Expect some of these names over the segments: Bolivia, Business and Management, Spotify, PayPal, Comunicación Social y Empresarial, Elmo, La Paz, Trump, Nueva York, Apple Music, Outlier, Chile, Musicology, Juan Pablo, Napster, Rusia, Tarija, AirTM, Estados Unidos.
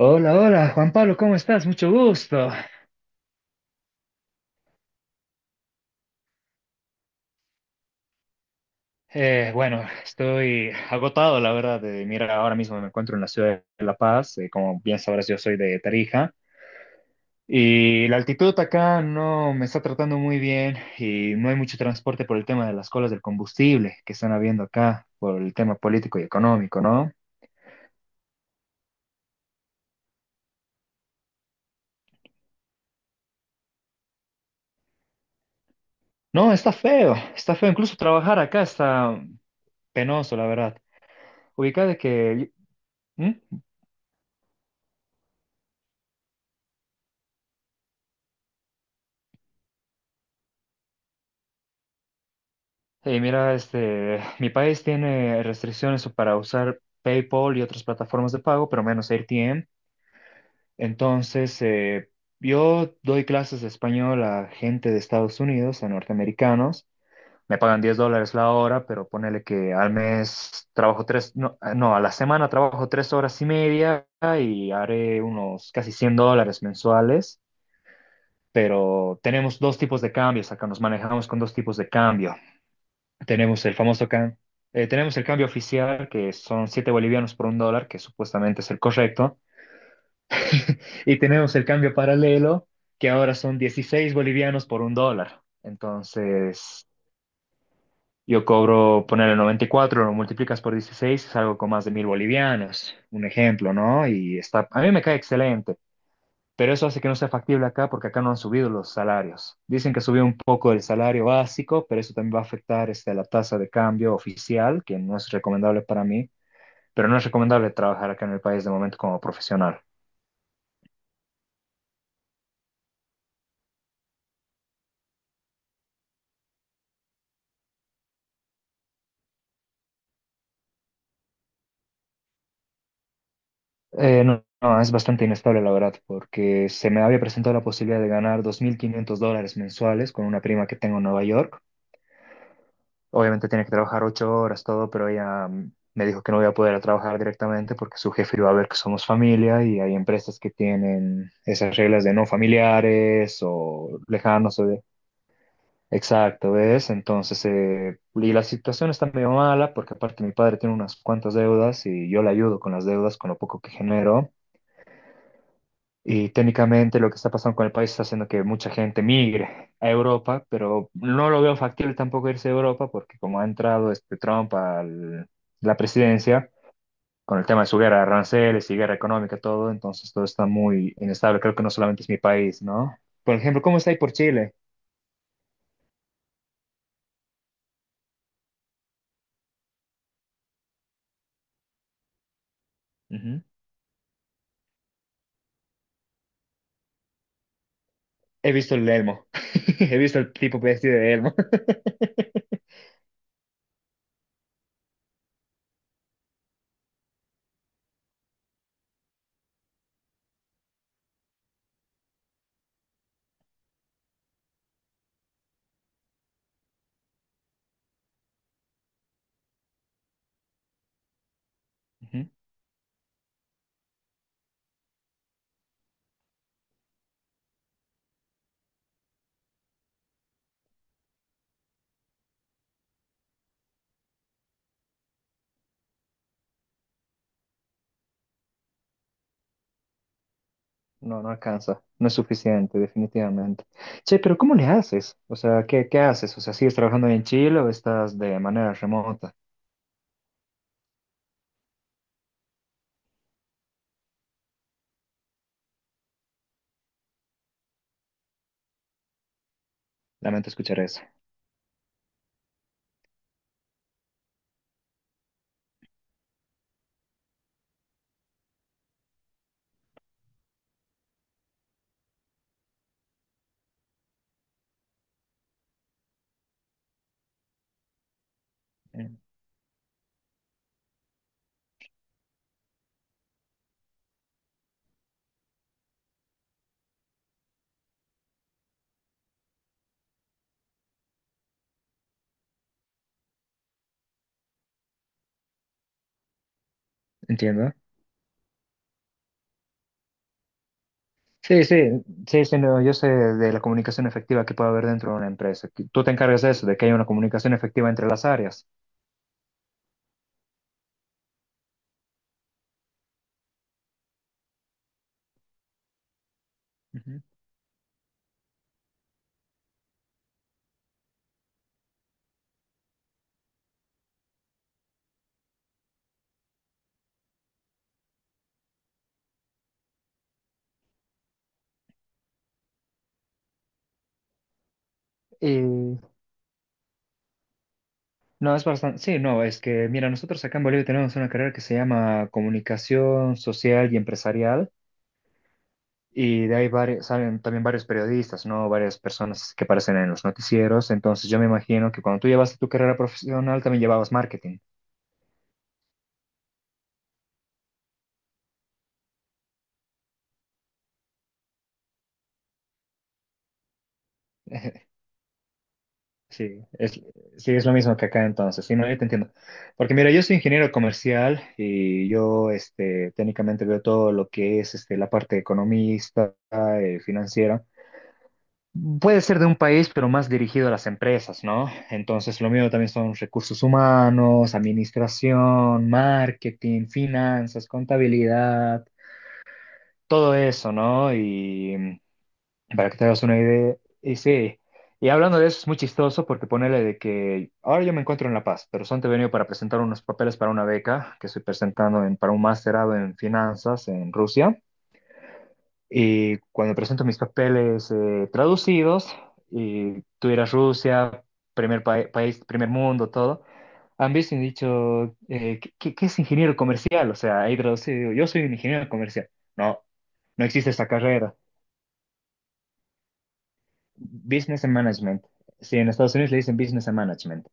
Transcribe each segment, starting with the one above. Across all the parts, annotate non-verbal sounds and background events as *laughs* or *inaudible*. Hola, hola, Juan Pablo, ¿cómo estás? Mucho gusto. Bueno, estoy agotado, la verdad. Mira, ahora mismo me encuentro en la ciudad de La Paz. Como bien sabrás, yo soy de Tarija. Y la altitud acá no me está tratando muy bien y no hay mucho transporte por el tema de las colas del combustible que están habiendo acá, por el tema político y económico, ¿no? No, está feo, está feo. Incluso trabajar acá está penoso, la verdad. ¿Ubicado Ubicada que... ¿Mm? Y mira, este, mi país tiene restricciones para usar PayPal y otras plataformas de pago, pero menos AirTM. Entonces, yo doy clases de español a gente de Estados Unidos, a norteamericanos. Me pagan $10 la hora, pero ponele que al mes trabajo tres, no, no, a la semana trabajo 3 horas y media y haré unos casi $100 mensuales. Pero tenemos dos tipos de cambios, acá nos manejamos con dos tipos de cambio. Tenemos el famoso can- tenemos el cambio oficial, que son 7 bolivianos por un dólar, que supuestamente es el correcto. *laughs* Y tenemos el cambio paralelo, que ahora son 16 bolivianos por un dólar. Entonces, yo cobro, ponerle 94 lo multiplicas por 16 es algo con más de 1.000 bolivianos, un ejemplo, ¿no? Y está, a mí me cae excelente. Pero eso hace que no sea factible acá porque acá no han subido los salarios. Dicen que subió un poco el salario básico, pero eso también va a afectar este, la tasa de cambio oficial, que no es recomendable para mí, pero no es recomendable trabajar acá en el país de momento como profesional. No, no, es bastante inestable la verdad, porque se me había presentado la posibilidad de ganar 2.500 dólares mensuales con una prima que tengo en Nueva York. Obviamente tenía que trabajar 8 horas, todo, pero ella me dijo que no voy a poder trabajar directamente porque su jefe iba a ver que somos familia y hay empresas que tienen esas reglas de no familiares o lejanos o de... Exacto, ¿ves? Entonces, y la situación está medio mala porque aparte mi padre tiene unas cuantas deudas y yo le ayudo con las deudas, con lo poco que genero. Y técnicamente lo que está pasando con el país está haciendo que mucha gente migre a Europa, pero no lo veo factible tampoco irse a Europa porque como ha entrado este Trump a la presidencia, con el tema de su guerra de aranceles y guerra económica, todo, entonces todo está muy inestable. Creo que no solamente es mi país, ¿no? Por ejemplo, ¿cómo está ahí por Chile? Ujú. He visto el Elmo. *laughs* He visto el tipo vestido de Elmo. *laughs* Ujú. No, no alcanza, no es suficiente, definitivamente. Che, pero ¿cómo le haces? O sea, ¿qué haces? O sea, ¿sigues trabajando en Chile o estás de manera remota? Lamento escuchar eso. Eh, Entiendo. Sí, sí, sí, sí, no, yo sé de la comunicación efectiva que puede haber dentro de una empresa. Que tú te encargas de eso, de que haya una comunicación efectiva entre las áreas. Ujú. Y no, es bastante, sí, no, es que, mira, nosotros acá en Bolivia tenemos una carrera que se llama Comunicación Social y Empresarial. Y de ahí salen también varios periodistas, ¿no? Varias personas que aparecen en los noticieros. Entonces yo me imagino que cuando tú llevaste tu carrera profesional también llevabas marketing. *laughs* Sí, es, sí, es lo mismo que acá entonces. Sí, no, yo te entiendo. Porque mira, yo soy ingeniero comercial y yo este, técnicamente veo todo lo que es este, la parte economista, financiera. Puede ser de un país, pero más dirigido a las empresas, ¿no? Entonces, lo mío también son recursos humanos, administración, marketing, finanzas, contabilidad, todo eso, ¿no? Y para que te hagas una idea, y sí, y hablando de eso es muy chistoso porque ponele de que ahora yo me encuentro en La Paz, pero son te he venido para presentar unos papeles para una beca que estoy presentando para un masterado en finanzas en Rusia. Y cuando presento mis papeles traducidos, y tú ir Rusia, primer país, primer mundo, todo, han visto y han dicho, qué es ingeniero comercial? O sea, ahí traducido, yo soy un ingeniero comercial. No, no existe esa carrera. Business and Management. Sí, en Estados Unidos le dicen Business and Management,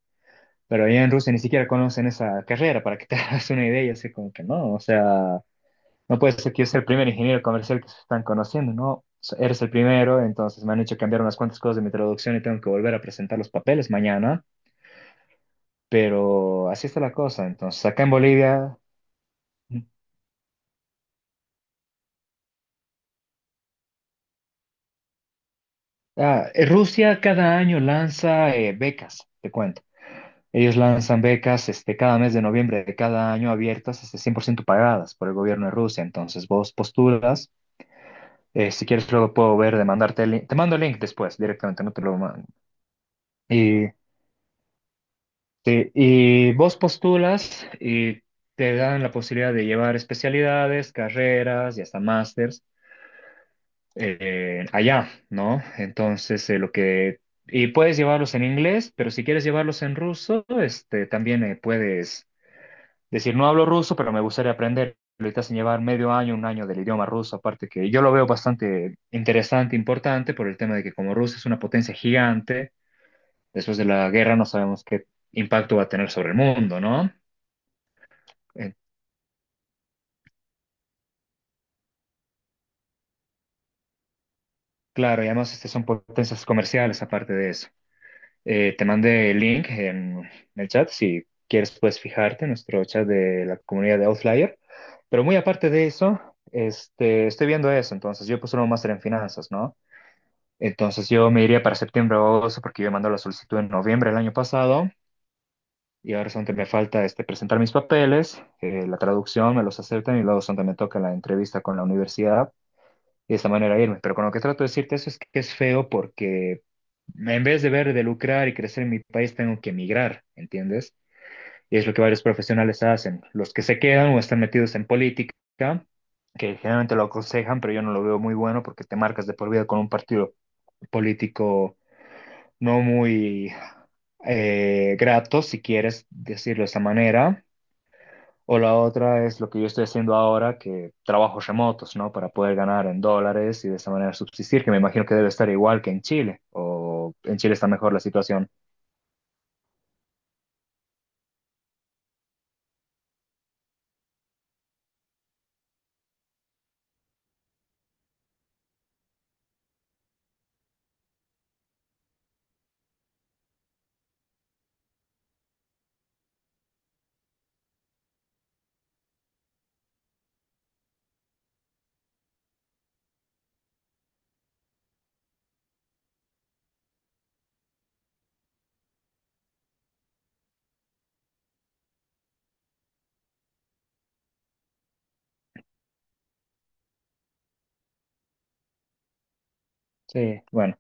pero allá en Rusia ni siquiera conocen esa carrera, para que te *laughs* hagas una idea, yo sé como que no, o sea. No puede ser que yo sea el primer ingeniero comercial que se están conociendo, ¿no? Eres el primero, entonces me han hecho cambiar unas cuantas cosas de mi traducción y tengo que volver a presentar los papeles mañana, pero así está la cosa. Entonces, acá en Bolivia, Rusia cada año lanza becas, te cuento. Ellos lanzan becas este, cada mes de noviembre de cada año abiertas, este, 100% pagadas por el gobierno de Rusia. Entonces, vos postulas, si quieres luego puedo ver, de mandarte el link, te mando el link después directamente, no te lo mando. Y sí, y vos postulas y te dan la posibilidad de llevar especialidades, carreras y hasta másters allá, ¿no? Entonces, lo que... Y puedes llevarlos en inglés, pero si quieres llevarlos en ruso, este, también puedes decir, no hablo ruso, pero me gustaría aprender. Ahorita sin llevar medio año, un año del idioma ruso, aparte que yo lo veo bastante interesante, importante, por el tema de que como Rusia es una potencia gigante, después de la guerra no sabemos qué impacto va a tener sobre el mundo, ¿no? Claro, y además este son potencias comerciales aparte de eso. Te mandé el link en el chat. Si quieres puedes fijarte en nuestro chat de la comunidad de Outlier. Pero muy aparte de eso, este, estoy viendo eso. Entonces, yo puse un máster en finanzas, ¿no? Entonces, yo me iría para septiembre o agosto porque yo mandé la solicitud en noviembre del año pasado y ahora solamente me falta este, presentar mis papeles, la traducción, me los aceptan y luego solamente me toca la entrevista con la universidad y de esta manera irme. Pero con lo que trato de decirte eso es que es feo porque en vez de ver de lucrar y crecer en mi país, tengo que emigrar, ¿entiendes? Y es lo que varios profesionales hacen. Los que se quedan o están metidos en política, que generalmente lo aconsejan, pero yo no lo veo muy bueno porque te marcas de por vida con un partido político no muy grato, si quieres decirlo de esa manera. O la otra es lo que yo estoy haciendo ahora, que trabajos remotos, ¿no? Para poder ganar en dólares y de esa manera subsistir, que me imagino que debe estar igual que en Chile, o en Chile está mejor la situación. Sí, bueno,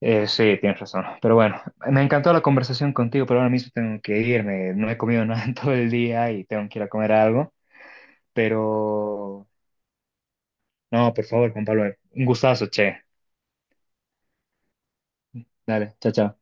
sí, tienes razón. Pero bueno, me encantó la conversación contigo, pero ahora mismo tengo que irme. No he comido *laughs* nada en todo el día y tengo que ir a comer algo. Pero, no, por favor, Juan Pablo, un gustazo, che. Dale, chao, chao.